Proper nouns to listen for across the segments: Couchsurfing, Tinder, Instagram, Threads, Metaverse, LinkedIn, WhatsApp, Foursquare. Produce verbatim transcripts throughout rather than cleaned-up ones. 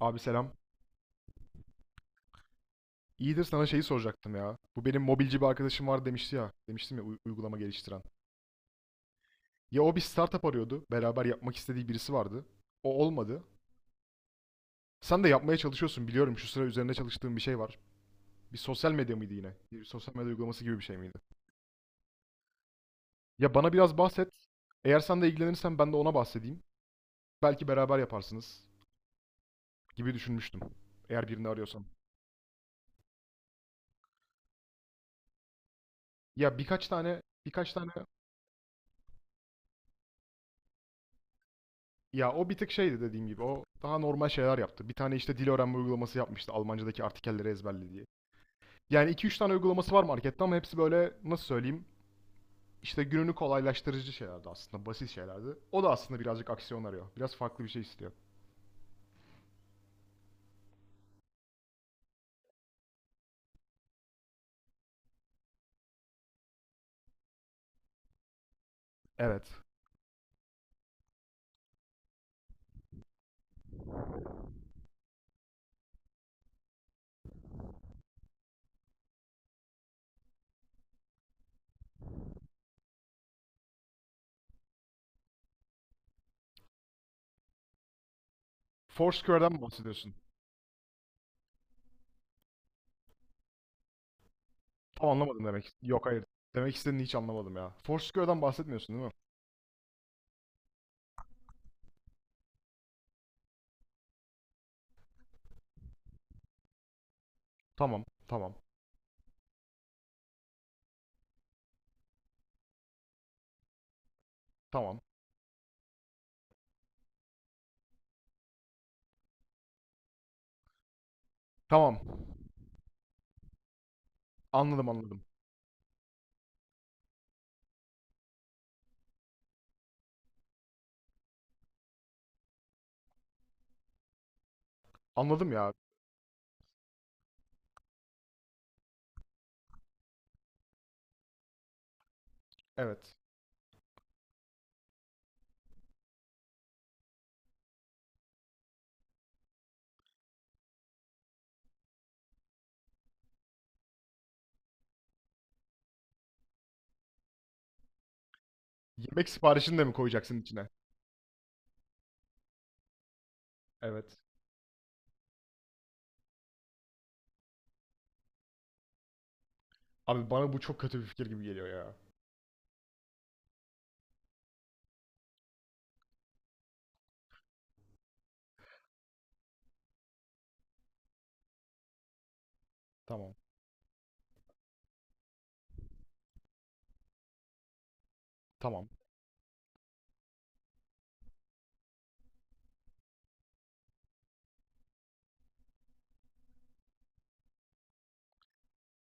Abi selam. İyidir, sana şeyi soracaktım ya. Bu benim mobilci bir arkadaşım var demişti ya. Demiştim ya u- uygulama geliştiren. Ya o bir startup arıyordu. Beraber yapmak istediği birisi vardı. O olmadı. Sen de yapmaya çalışıyorsun biliyorum. Şu sıra üzerine çalıştığın bir şey var. Bir sosyal medya mıydı yine? Bir sosyal medya uygulaması gibi bir şey miydi? Ya bana biraz bahset. Eğer sen de ilgilenirsen ben de ona bahsedeyim. Belki beraber yaparsınız gibi düşünmüştüm. Eğer birini arıyorsan. Ya birkaç tane birkaç tane ya o bir tık şeydi dediğim gibi. O daha normal şeyler yaptı. Bir tane işte dil öğrenme uygulaması yapmıştı. Almancadaki artikelleri ezberle diye. Yani iki üç tane uygulaması var markette ama hepsi böyle nasıl söyleyeyim? İşte gününü kolaylaştırıcı şeylerdi aslında. Basit şeylerdi. O da aslında birazcık aksiyon arıyor. Biraz farklı bir şey istiyor. Evet. Foursquare'dan mı bahsediyorsun? Tam anlamadım demek. Yok, hayır. Demek istediğini hiç anlamadım ya. Foursquare'dan bahsetmiyorsun değil mi? Tamam. Tamam. Tamam. Tamam. Anladım, anladım. Anladım ya. Evet. Yemek siparişini de mi koyacaksın içine? Evet. Abi bana bu çok kötü bir fikir gibi geliyor ya. Tamam. Tamam.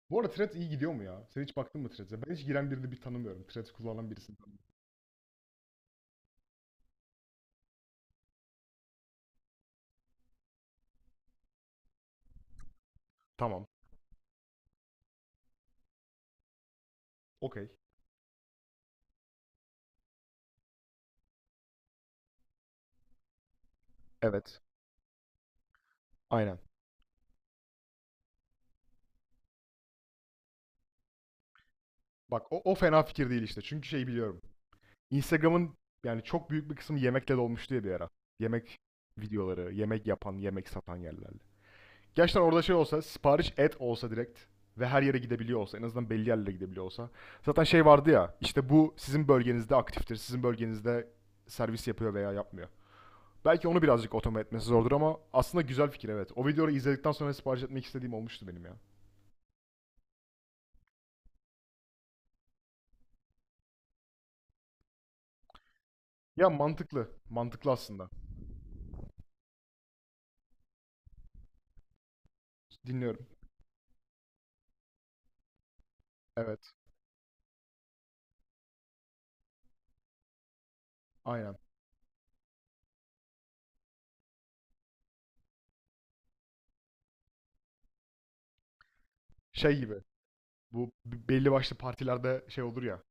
Bu arada Threads iyi gidiyor mu ya? Sen hiç baktın mı Threads'e? Ben hiç giren birini bir tanımıyorum. Threads kullanan birisini. Tamam. Okey. Evet. Aynen. Bak o, o fena fikir değil işte. Çünkü şey biliyorum. Instagram'ın yani çok büyük bir kısmı yemekle dolmuştu ya bir ara. Yemek videoları, yemek yapan, yemek satan yerlerle. Gerçekten orada şey olsa, sipariş et olsa direkt ve her yere gidebiliyor olsa, en azından belli yerlere gidebiliyor olsa. Zaten şey vardı ya, işte bu sizin bölgenizde aktiftir, sizin bölgenizde servis yapıyor veya yapmıyor. Belki onu birazcık otomat etmesi zordur ama aslında güzel fikir, evet. O videoyu izledikten sonra sipariş etmek istediğim olmuştu benim ya. Ya mantıklı. Mantıklı aslında. Dinliyorum. Evet. Aynen. Şey gibi. Bu b- belli başlı partilerde şey olur ya.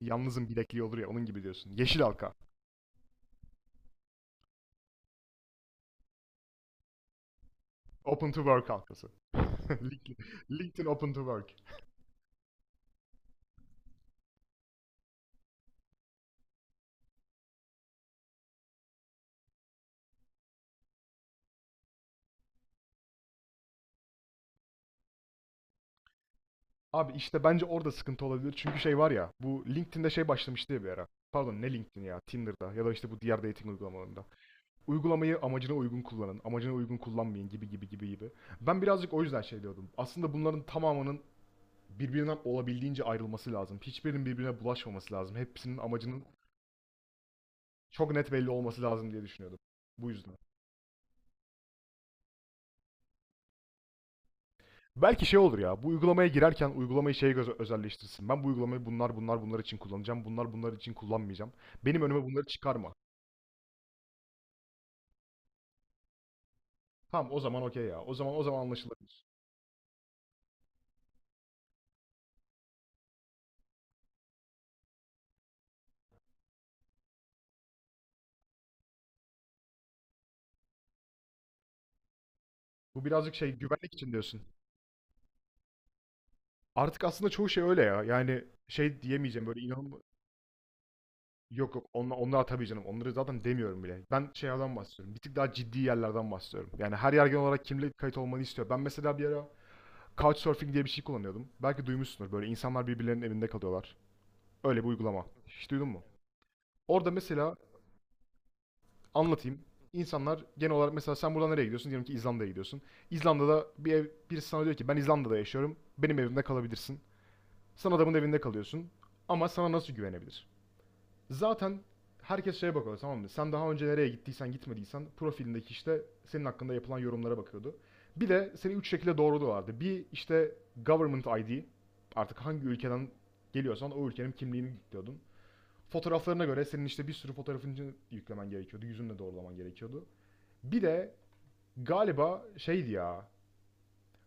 Yalnızın bilekliği olur ya. Onun gibi diyorsun. Yeşil halka. Open to work halkası. Link- LinkedIn open to work. Abi işte bence orada sıkıntı olabilir. Çünkü şey var ya. Bu LinkedIn'de şey başlamıştı ya bir ara. Pardon, ne LinkedIn ya. Tinder'da ya da işte bu diğer dating uygulamalarında uygulamayı amacına uygun kullanın, amacına uygun kullanmayın gibi gibi gibi gibi. Ben birazcık o yüzden şey diyordum. Aslında bunların tamamının birbirinden olabildiğince ayrılması lazım. Hiçbirinin birbirine bulaşmaması lazım. Hepsinin amacının çok net belli olması lazım diye düşünüyordum. Bu yüzden. Belki şey olur ya, bu uygulamaya girerken uygulamayı şeye göz özelleştirsin. Ben bu uygulamayı bunlar bunlar bunlar için kullanacağım, bunlar bunlar için kullanmayacağım. Benim önüme bunları çıkarma. Tamam o zaman, okey ya. O zaman o zaman anlaşılabilir. Bu birazcık şey, güvenlik için diyorsun. Artık aslında çoğu şey öyle ya. Yani şey diyemeyeceğim, böyle inanılmaz. Yok, yok, onla- onlar tabii canım. Onları zaten demiyorum bile. Ben şeylerden bahsediyorum. Bir tık daha ciddi yerlerden bahsediyorum. Yani her yer genel olarak kimlik kayıt olmanı istiyor. Ben mesela bir ara Couchsurfing diye bir şey kullanıyordum. Belki duymuşsundur. Böyle insanlar birbirlerinin evinde kalıyorlar. Öyle bir uygulama. Hiç duydun mu? Orada mesela anlatayım. İnsanlar genel olarak mesela sen buradan nereye gidiyorsun? Diyelim ki İzlanda'ya gidiyorsun. İzlanda'da bir ev, birisi sana diyor ki ben İzlanda'da yaşıyorum. Benim evimde kalabilirsin. Sen adamın evinde kalıyorsun. Ama sana nasıl güvenebilir? Zaten herkes şeye bakıyor, tamam mı? Sen daha önce nereye gittiysen gitmediysen profilindeki işte senin hakkında yapılan yorumlara bakıyordu. Bir de seni üç şekilde doğruluyorlardı. Bir işte government I D, artık hangi ülkeden geliyorsan o ülkenin kimliğini yüklüyordun. Fotoğraflarına göre senin işte bir sürü fotoğrafını yüklemen gerekiyordu. Yüzünle doğrulaman gerekiyordu. Bir de galiba şeydi ya,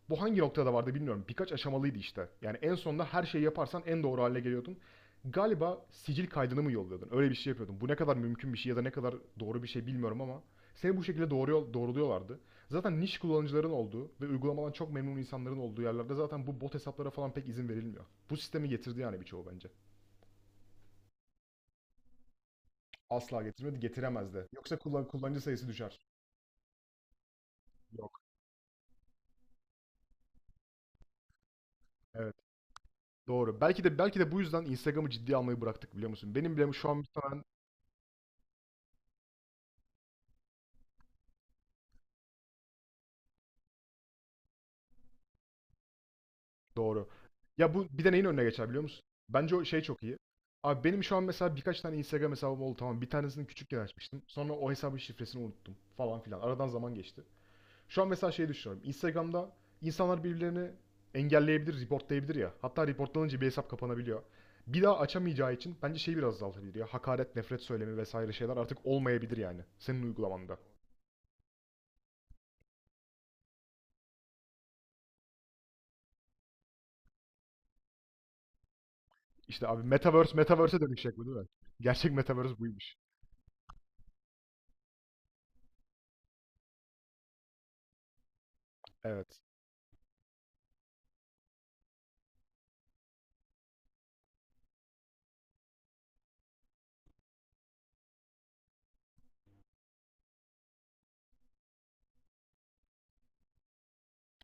bu hangi noktada vardı bilmiyorum. Birkaç aşamalıydı işte. Yani en sonunda her şeyi yaparsan en doğru hale geliyordun. Galiba sicil kaydını mı yolluyordun? Öyle bir şey yapıyordun. Bu ne kadar mümkün bir şey ya da ne kadar doğru bir şey bilmiyorum ama seni bu şekilde doğru doğruluyorlardı. Zaten niş kullanıcıların olduğu ve uygulamadan çok memnun insanların olduğu yerlerde zaten bu bot hesaplara falan pek izin verilmiyor. Bu sistemi getirdi yani birçoğu bence. Asla getirmedi, getiremez de. Yoksa kullan- kullanıcı sayısı düşer. Yok. Evet. Doğru. Belki de belki de bu yüzden Instagram'ı ciddi almayı bıraktık, biliyor musun? Benim bile şu an bir tane. Doğru. Ya bu bir de neyin önüne geçer biliyor musun? Bence o şey çok iyi. Abi benim şu an mesela birkaç tane Instagram hesabım oldu, tamam. Bir tanesini küçükken açmıştım. Sonra o hesabın şifresini unuttum falan filan. Aradan zaman geçti. Şu an mesela şey düşünüyorum. Instagram'da insanlar birbirlerini engelleyebilir, reportlayabilir ya. Hatta reportlanınca bir hesap kapanabiliyor. Bir daha açamayacağı için bence şeyi biraz azaltabilir ya. Hakaret, nefret söylemi vesaire şeyler artık olmayabilir yani. Senin uygulamanda. İşte abi Metaverse, Metaverse'e dönüşecek bu değil mi? Gerçek Metaverse buymuş. Evet.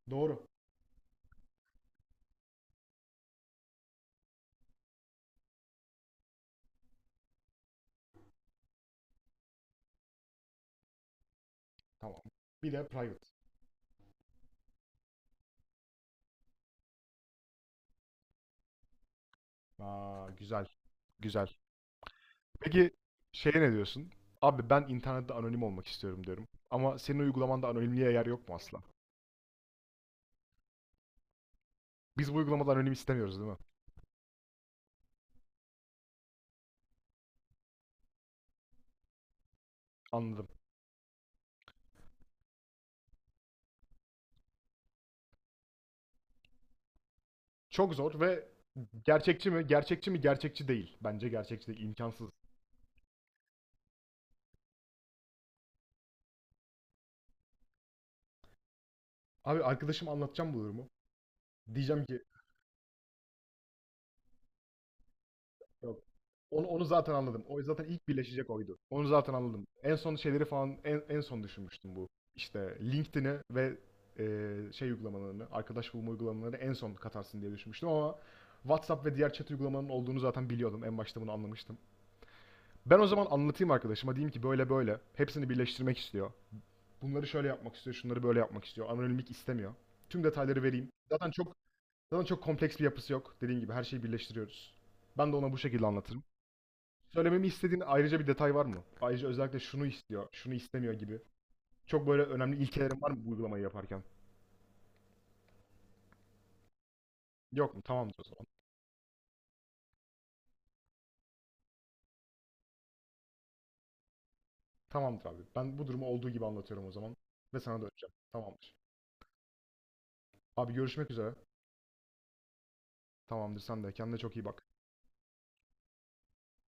Doğru. Tamam. Bir de private. Aa, güzel. Güzel. Peki şeye ne diyorsun? Abi ben internette anonim olmak istiyorum diyorum. Ama senin uygulamanda anonimliğe yer yok mu asla? Biz bu uygulamada anonim istemiyoruz değil mi? Anladım. Çok zor ve gerçekçi mi? Gerçekçi mi? Gerçekçi değil. Bence gerçekçi değil. İmkansız. Abi arkadaşım anlatacağım bu durumu. Diyeceğim ki yok. Onu, onu zaten anladım. O zaten ilk birleşecek oydu. Onu zaten anladım. En son şeyleri falan en, en son düşünmüştüm bu. İşte LinkedIn'i ve e, şey uygulamalarını, arkadaş bulma uygulamalarını en son katarsın diye düşünmüştüm ama WhatsApp ve diğer chat uygulamanın olduğunu zaten biliyordum. En başta bunu anlamıştım. Ben o zaman anlatayım arkadaşıma. Diyeyim ki böyle böyle. Hepsini birleştirmek istiyor. Bunları şöyle yapmak istiyor, şunları böyle yapmak istiyor. Anonimlik istemiyor. Tüm detayları vereyim. Zaten çok zaten çok kompleks bir yapısı yok. Dediğim gibi her şeyi birleştiriyoruz. Ben de ona bu şekilde anlatırım. Söylememi istediğin ayrıca bir detay var mı? Ayrıca özellikle şunu istiyor, şunu istemiyor gibi. Çok böyle önemli ilkelerin var mı bu uygulamayı yaparken? Yok mu? Tamamdır o zaman. Tamamdır abi. Ben bu durumu olduğu gibi anlatıyorum o zaman. Ve sana döneceğim. Tamamdır. Abi görüşmek üzere. Tamamdır sen de. Kendine çok iyi bak.